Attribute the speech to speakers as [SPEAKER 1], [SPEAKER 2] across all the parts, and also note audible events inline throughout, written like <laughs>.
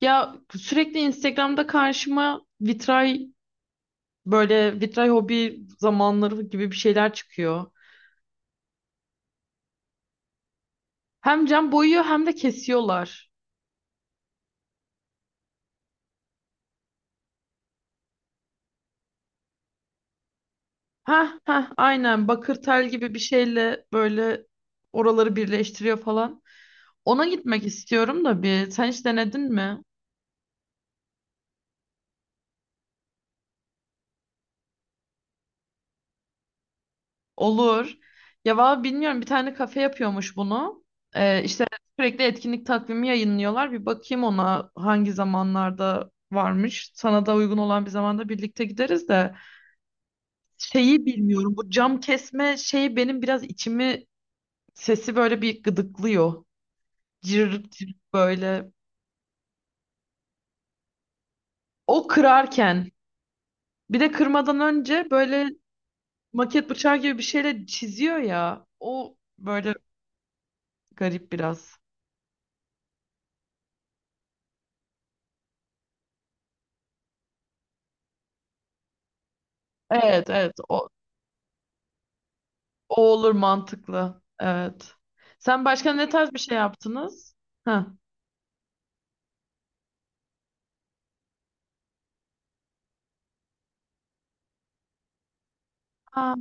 [SPEAKER 1] Ya sürekli Instagram'da karşıma vitray böyle vitray hobi zamanları gibi bir şeyler çıkıyor. Hem cam boyuyor hem de kesiyorlar. Ha ha, aynen, bakır tel gibi bir şeyle böyle oraları birleştiriyor falan. Ona gitmek istiyorum da bir. Sen hiç denedin mi? Olur. Ya valla bilmiyorum, bir tane kafe yapıyormuş bunu. İşte sürekli etkinlik takvimi yayınlıyorlar. Bir bakayım ona, hangi zamanlarda varmış. Sana da uygun olan bir zamanda birlikte gideriz de. Şeyi bilmiyorum, bu cam kesme şeyi benim biraz içimi, sesi böyle bir gıdıklıyor. Cırt cırt böyle. O kırarken, bir de kırmadan önce böyle maket bıçağı gibi bir şeyle çiziyor ya. O böyle garip biraz. Evet evet, o. O olur, mantıklı. Evet. Sen başka ne tarz bir şey yaptınız? Ha. Ha.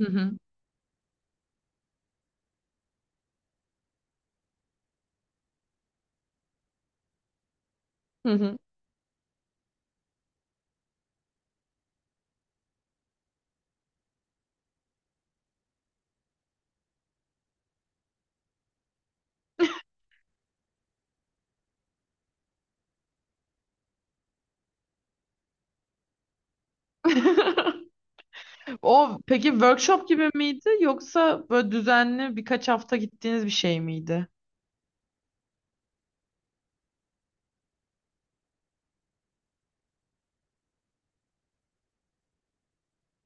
[SPEAKER 1] Hı hı. Hı hı. <laughs> O peki workshop gibi miydi, yoksa böyle düzenli birkaç hafta gittiğiniz bir şey miydi?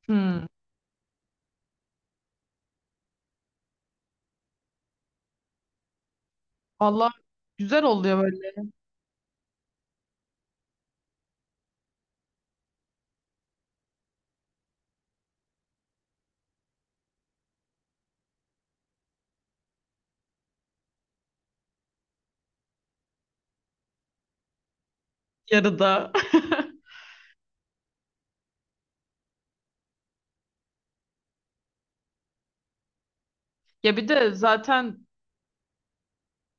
[SPEAKER 1] Hmm. Valla güzel oluyor böyle, yarıda. <laughs> Ya bir de zaten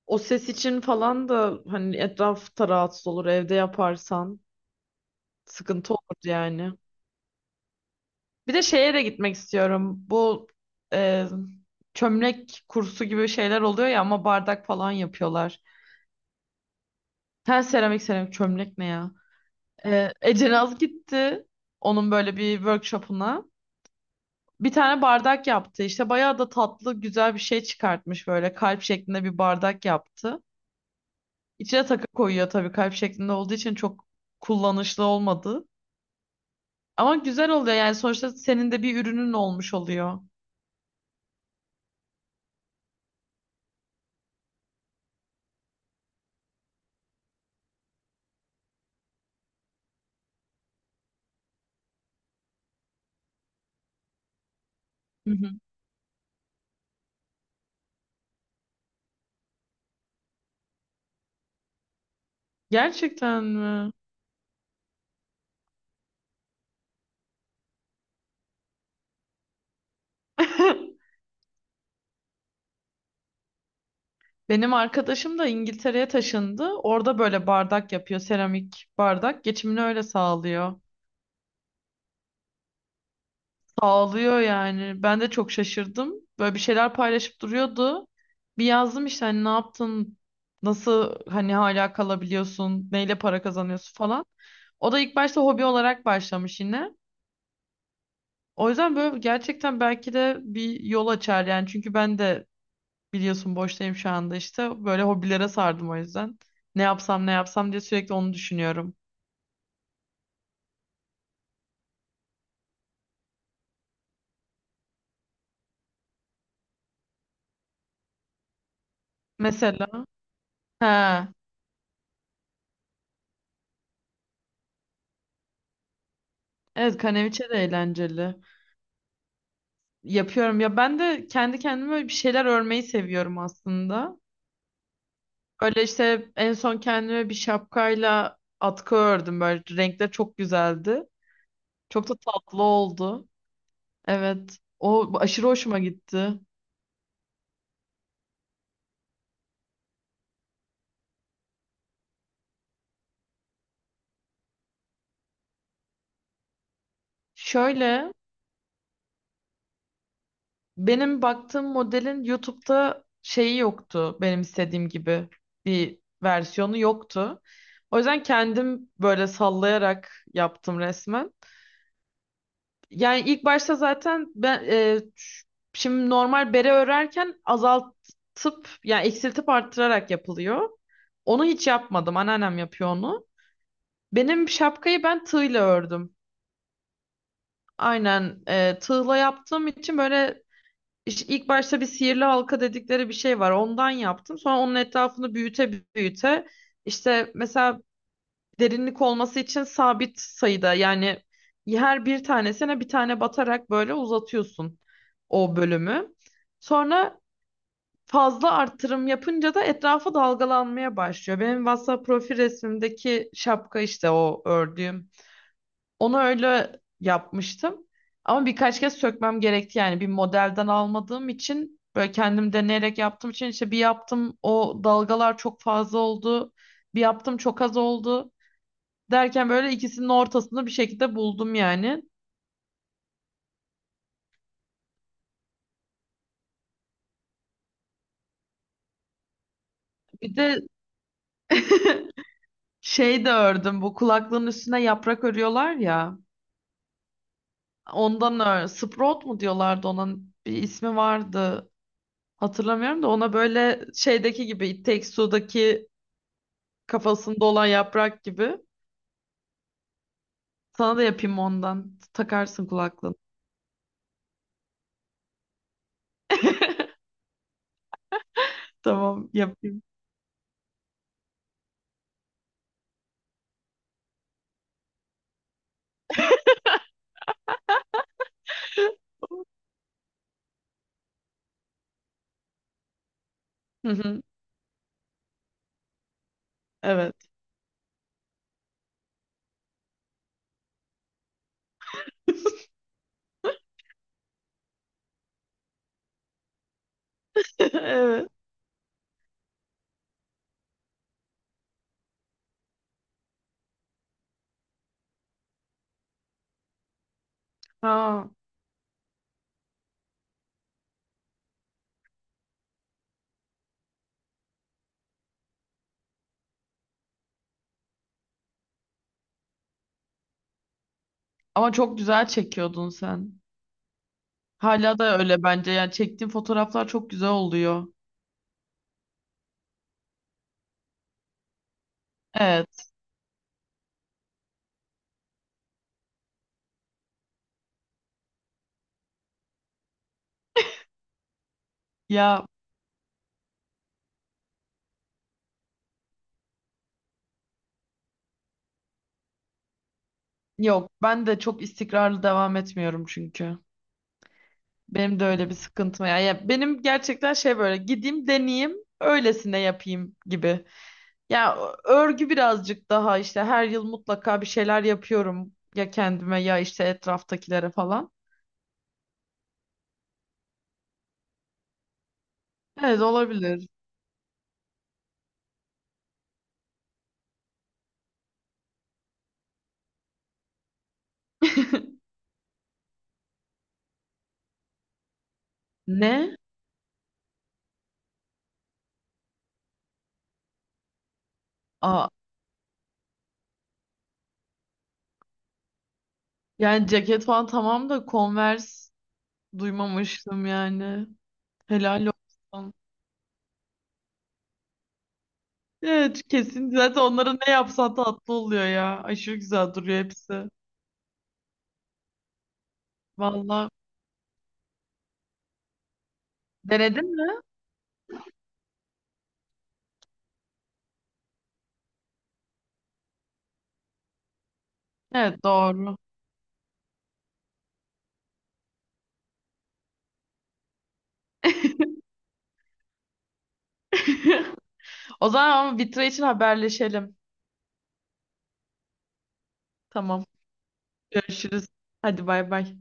[SPEAKER 1] o ses için falan da, hani, etraf da rahatsız olur evde yaparsan, sıkıntı olur yani. Bir de şeye de gitmek istiyorum. Bu e, çömlek kursu gibi şeyler oluyor ya, ama bardak falan yapıyorlar. Her seramik, seramik çömlek ne ya? E, Ece Naz gitti onun böyle bir workshopuna. Bir tane bardak yaptı. İşte bayağı da tatlı, güzel bir şey çıkartmış, böyle kalp şeklinde bir bardak yaptı. İçine takı koyuyor, tabii kalp şeklinde olduğu için çok kullanışlı olmadı. Ama güzel oluyor yani, sonuçta senin de bir ürünün olmuş oluyor. Hı hı. Gerçekten mi? <laughs> Benim arkadaşım da İngiltere'ye taşındı. Orada böyle bardak yapıyor, seramik bardak. Geçimini öyle sağlıyor. Ağlıyor yani. Ben de çok şaşırdım. Böyle bir şeyler paylaşıp duruyordu. Bir yazdım işte, hani ne yaptın? Nasıl hani hala kalabiliyorsun? Neyle para kazanıyorsun falan. O da ilk başta hobi olarak başlamış yine. O yüzden böyle gerçekten belki de bir yol açar yani. Çünkü ben de biliyorsun boştayım şu anda işte. Böyle hobilere sardım o yüzden. Ne yapsam, ne yapsam diye sürekli onu düşünüyorum. Mesela. He. Evet, kaneviçe de eğlenceli. Yapıyorum ya, ben de kendi kendime bir şeyler örmeyi seviyorum aslında. Öyle işte, en son kendime bir şapkayla atkı ördüm, böyle renkler çok güzeldi. Çok da tatlı oldu. Evet, o aşırı hoşuma gitti. Şöyle, benim baktığım modelin YouTube'da şeyi yoktu, benim istediğim gibi bir versiyonu yoktu. O yüzden kendim böyle sallayarak yaptım resmen. Yani ilk başta zaten ben şimdi normal bere örerken azaltıp, yani eksiltip arttırarak yapılıyor. Onu hiç yapmadım. Anneannem yapıyor onu. Benim şapkayı ben tığla ördüm. Aynen, tığla yaptığım için böyle ilk başta bir sihirli halka dedikleri bir şey var. Ondan yaptım. Sonra onun etrafını büyüte büyüte, işte mesela derinlik olması için sabit sayıda, yani her bir tanesine bir tane batarak böyle uzatıyorsun o bölümü. Sonra fazla artırım yapınca da etrafı dalgalanmaya başlıyor. Benim WhatsApp profil resmimdeki şapka işte o ördüğüm. Onu öyle yapmıştım. Ama birkaç kez sökmem gerekti, yani bir modelden almadığım için, böyle kendim deneyerek yaptığım için, işte bir yaptım, o dalgalar çok fazla oldu. Bir yaptım, çok az oldu. Derken böyle ikisinin ortasını bir şekilde buldum yani. Bir de <laughs> şey de ördüm, bu kulaklığın üstüne yaprak örüyorlar ya. Ondan ör. Sprout mu diyorlardı, onun bir ismi vardı. Hatırlamıyorum da, ona böyle şeydeki gibi, It Takes Two'daki kafasında olan yaprak gibi. Sana da yapayım ondan. Takarsın kulaklığını. Tamam, yapayım. Hı hı. Evet. <laughs> Evet. Ha. Ama çok güzel çekiyordun sen. Hala da öyle bence. Yani çektiğim fotoğraflar çok güzel oluyor. Evet. Ya yok, ben de çok istikrarlı devam etmiyorum çünkü. Benim de öyle bir sıkıntım var. Ya benim gerçekten şey, böyle gideyim, deneyeyim, öylesine yapayım gibi. Ya örgü birazcık daha işte, her yıl mutlaka bir şeyler yapıyorum. Ya kendime, ya işte etraftakilere falan. Evet, olabilir. <laughs> Ne? Aa, yani ceket falan tamam da, Converse duymamıştım yani. Helal olsun. Evet, kesin. Zaten onlara ne yapsan tatlı oluyor ya. Aşırı güzel duruyor hepsi. Vallahi, denedin mi? Evet, doğru. <laughs> O zaman ama vitra için haberleşelim. Tamam. Görüşürüz. Hadi bay bay.